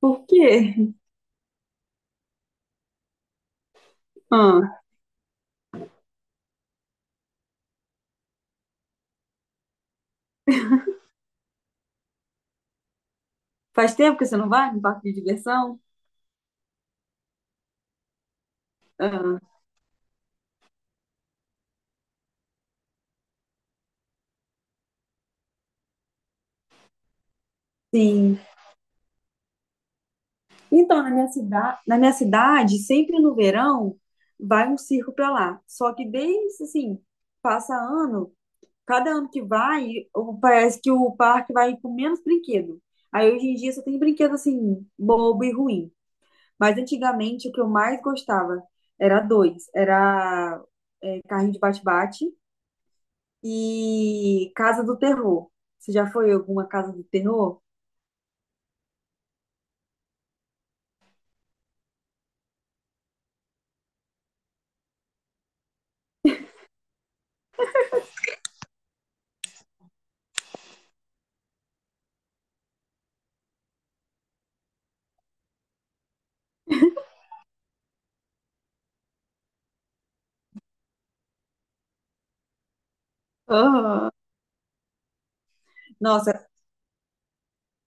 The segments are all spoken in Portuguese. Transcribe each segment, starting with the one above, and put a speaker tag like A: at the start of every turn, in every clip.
A: Por quê? Ah, faz tempo que você não vai no parque de diversão? Ah, sim. Então, na minha cidade, sempre no verão, vai um circo para lá. Só que desde assim, passa ano, cada ano que vai, parece que o parque vai com menos brinquedo. Aí hoje em dia só tem brinquedo assim, bobo e ruim. Mas antigamente o que eu mais gostava era dois, era carrinho de bate-bate e Casa do Terror. Você já foi em alguma Casa do Terror? Aham. Nossa,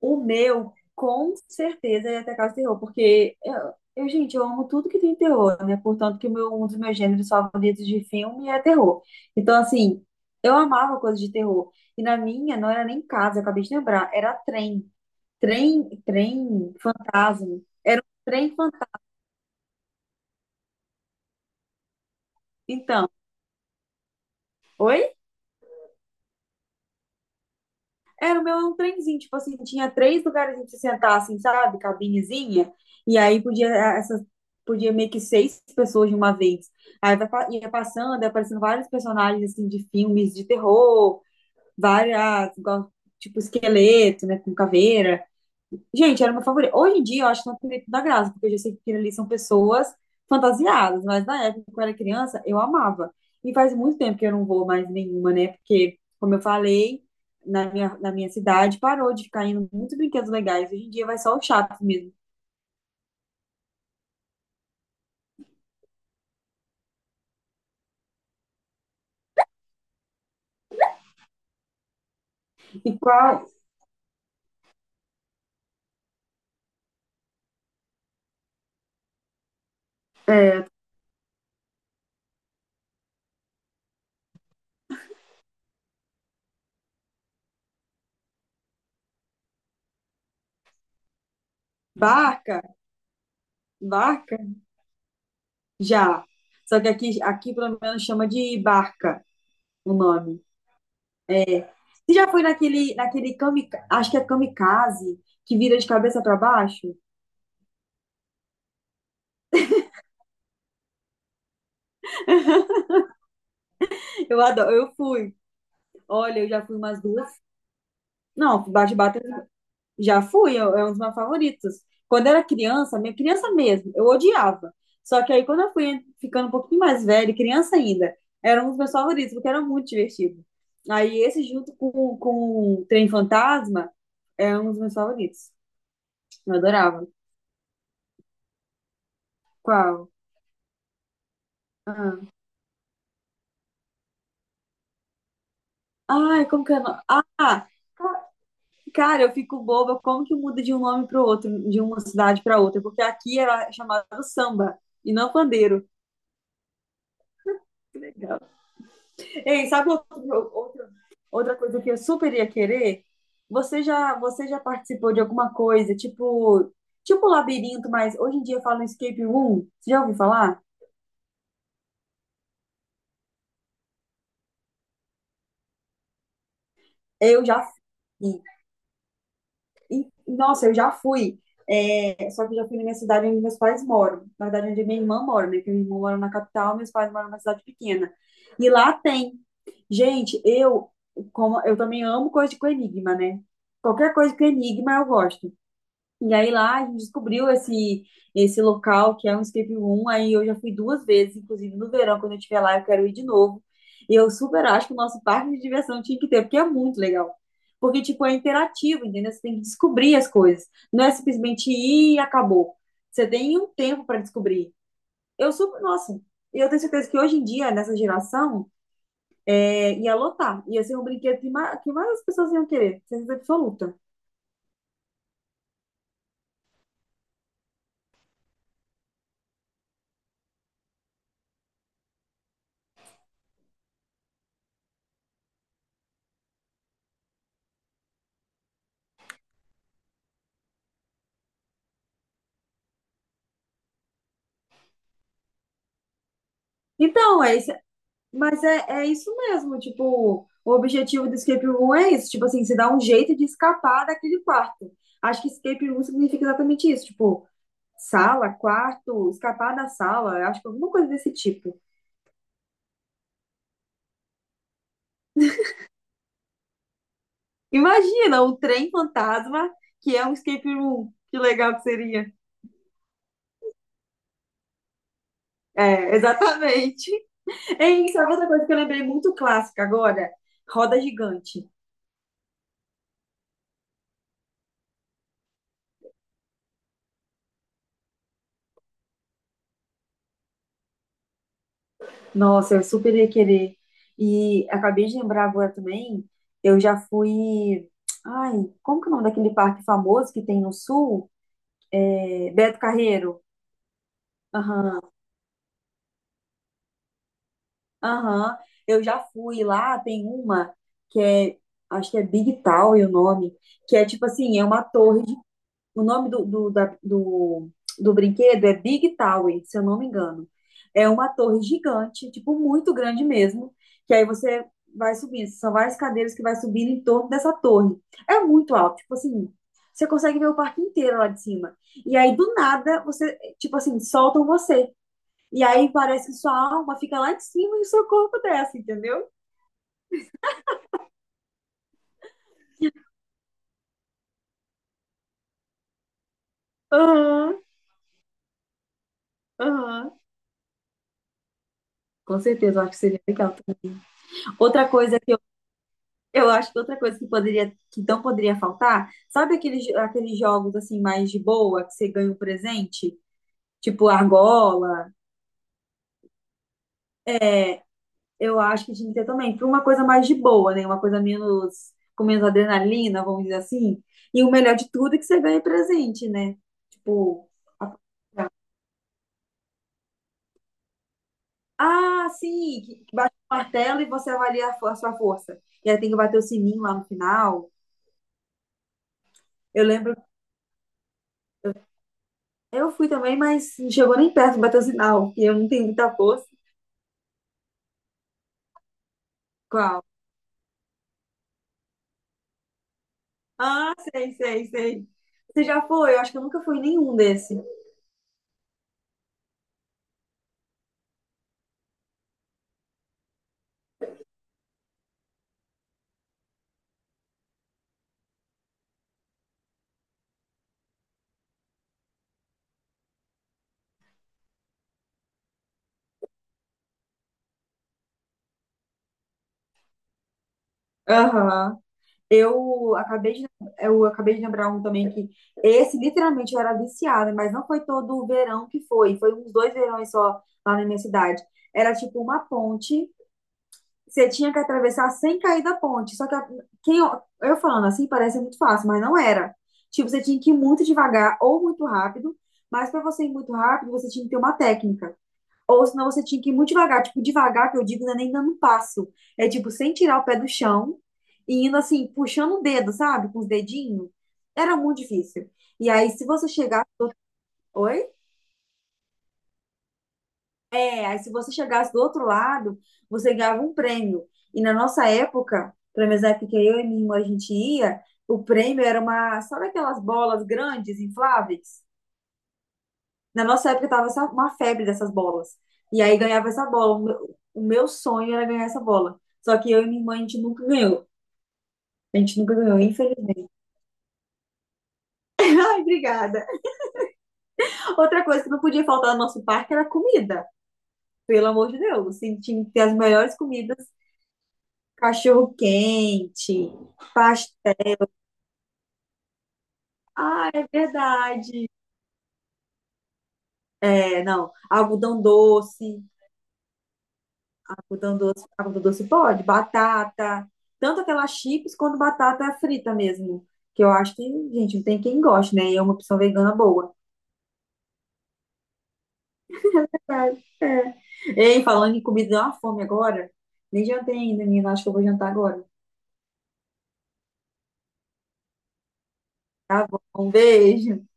A: o meu, com certeza, ia ter Casa do Terror, porque eu, gente, eu amo tudo que tem terror, né? Portanto, que o meu, um dos meus gêneros favoritos de filme é terror. Então, assim, eu amava coisa de terror. E na minha, não era nem casa, eu acabei de lembrar, era trem. Trem, trem fantasma. Era um trem fantasma. Então, oi? Era o meu era um trenzinho, tipo assim, tinha três lugares pra você sentar, assim, sabe? Cabinezinha. E aí podia, podia meio que seis pessoas de uma vez. Aí ia passando, ia aparecendo vários personagens, assim, de filmes de terror, várias, igual, tipo, esqueleto, né, com caveira. Gente, era o meu favorito. Hoje em dia eu acho que não tem muito da graça, porque eu já sei que aquilo ali são pessoas fantasiadas, mas na época, quando eu era criança, eu amava. E faz muito tempo que eu não vou mais nenhuma, né? Porque, como eu falei, na minha cidade parou de ficar indo muitos brinquedos legais. Hoje em dia vai só o chato mesmo. E qual? Barca? Barca? Já. Só que aqui, pelo menos, chama de barca o nome. Você já foi naquele acho que é kamikaze, que vira de cabeça para baixo? Eu adoro, eu fui. Olha, eu já fui umas duas. Não, bate-bata já fui, é um dos meus favoritos. Quando eu era criança, minha criança mesmo, eu odiava. Só que aí quando eu fui ficando um pouquinho mais velha, criança ainda, era um dos meus favoritos, porque era muito divertido. Aí esse junto com o Trem Fantasma é um dos meus favoritos. Eu adorava. Qual? Ah. Ai, como que é o nome? Ah, cara, eu fico boba como que muda de um nome para o outro, de uma cidade para outra, porque aqui era chamado samba e não pandeiro. Ei, sabe outra coisa que eu super ia querer? Você já participou de alguma coisa, tipo um labirinto, mas hoje em dia fala escape room? Você já ouviu falar? Eu já fui. E, nossa, eu já fui. É, só que eu já fui na minha cidade onde meus pais moram. Na verdade, onde minha irmã mora, né? Porque minha irmã mora na capital, meus pais moram numa cidade pequena. E lá tem. Gente, eu também amo coisa com enigma, né? Qualquer coisa com enigma eu gosto. E aí lá a gente descobriu esse local que é um escape room. Aí eu já fui duas vezes, inclusive no verão, quando eu estiver lá, eu quero ir de novo. E eu super acho que o nosso parque de diversão tinha que ter, porque é muito legal. Porque, tipo, é interativo, entendeu? Você tem que descobrir as coisas. Não é simplesmente ir e acabou. Você tem um tempo para descobrir. Eu super, nossa, eu tenho certeza que hoje em dia, nessa geração, é, ia lotar. Ia ser um brinquedo que mais as pessoas iam querer. Certeza absoluta. Então, é isso. Mas é isso mesmo, tipo, o objetivo do escape room é isso, tipo assim, se dá um jeito de escapar daquele quarto. Acho que escape room significa exatamente isso, tipo, sala, quarto, escapar da sala, acho que alguma coisa desse tipo. Imagina um trem fantasma que é um escape room. Que legal que seria. É, exatamente. É isso, sabe outra coisa que eu lembrei muito clássica agora? Roda gigante. Nossa, eu super ia querer. E acabei de lembrar agora também, eu já fui. Ai, como que é o nome daquele parque famoso que tem no sul? É, Beto Carreiro. Aham, aham. Eu já fui lá, tem uma que é, acho que é Big Tower o nome, que é tipo assim, é uma torre. O nome do brinquedo é Big Tower, se eu não me engano. É uma torre gigante, tipo, muito grande mesmo. Que aí você vai subindo. São várias cadeiras que vai subindo em torno dessa torre. É muito alto, tipo assim. Você consegue ver o parque inteiro lá de cima. E aí, do nada, você, tipo assim, soltam você. E aí parece que sua alma fica lá de cima e o seu corpo desce, entendeu? Aham, aham. Com certeza, eu acho que seria legal. Outra coisa, eu acho que outra coisa que poderia, que não poderia faltar, sabe aqueles, aqueles jogos assim mais de boa que você ganha um presente, tipo argola? É, eu acho que tinha que ter também, para uma coisa mais de boa, né? Uma coisa menos com menos adrenalina, vamos dizer assim. E o melhor de tudo é que você ganha presente, né? Tipo, a- ah, sim, que bate o martelo e você avalia a, a sua força. E aí tem que bater o sininho lá no final. Eu lembro, eu fui também, mas não chegou nem perto, bateu sinal, e eu não tenho muita força. Qual? Ah, sei, sei, sei. Você já foi? Eu acho que eu nunca fui em nenhum desse. Aham. Eu acabei de, eu acabei de lembrar um também que esse literalmente eu era viciada, mas não foi todo o verão que foi, foi uns dois verões só lá na minha cidade. Era tipo uma ponte, você tinha que atravessar sem cair da ponte. Só que eu falando assim parece muito fácil, mas não era. Tipo, você tinha que ir muito devagar ou muito rápido, mas para você ir muito rápido, você tinha que ter uma técnica. Ou senão você tinha que ir muito devagar. Tipo, devagar, que eu digo, não é nem dando um passo. É tipo, sem tirar o pé do chão e indo assim, puxando o dedo, sabe? Com os dedinhos. Era muito difícil. E aí, se você chegar. Oi? Reais. Se você chegasse do outro lado, você ganhava um prêmio. E na nossa época, pelo menos na época que eu e minha irmã a gente ia, o prêmio era uma, sabe aquelas bolas grandes, infláveis? Na nossa época tava uma febre dessas bolas. E aí ganhava essa bola. O meu sonho era ganhar essa bola. Só que eu e minha irmã a gente nunca ganhou. A gente nunca ganhou, infelizmente. Ai, obrigada. Outra coisa que não podia faltar no nosso parque era comida. Pelo amor de Deus, assim, tinha que ter as melhores comidas. Cachorro quente, ah, é verdade. É, não. Algodão doce, algodão doce, algodão doce pode, batata, tanto aquela chips quanto batata frita mesmo. Que eu acho que, gente, não tem quem goste, né? E é uma opção vegana boa. É, é. Ei, falando em comida, deu uma fome agora. Nem jantei ainda, menina. Acho que eu vou jantar agora. Tá bom, um beijo.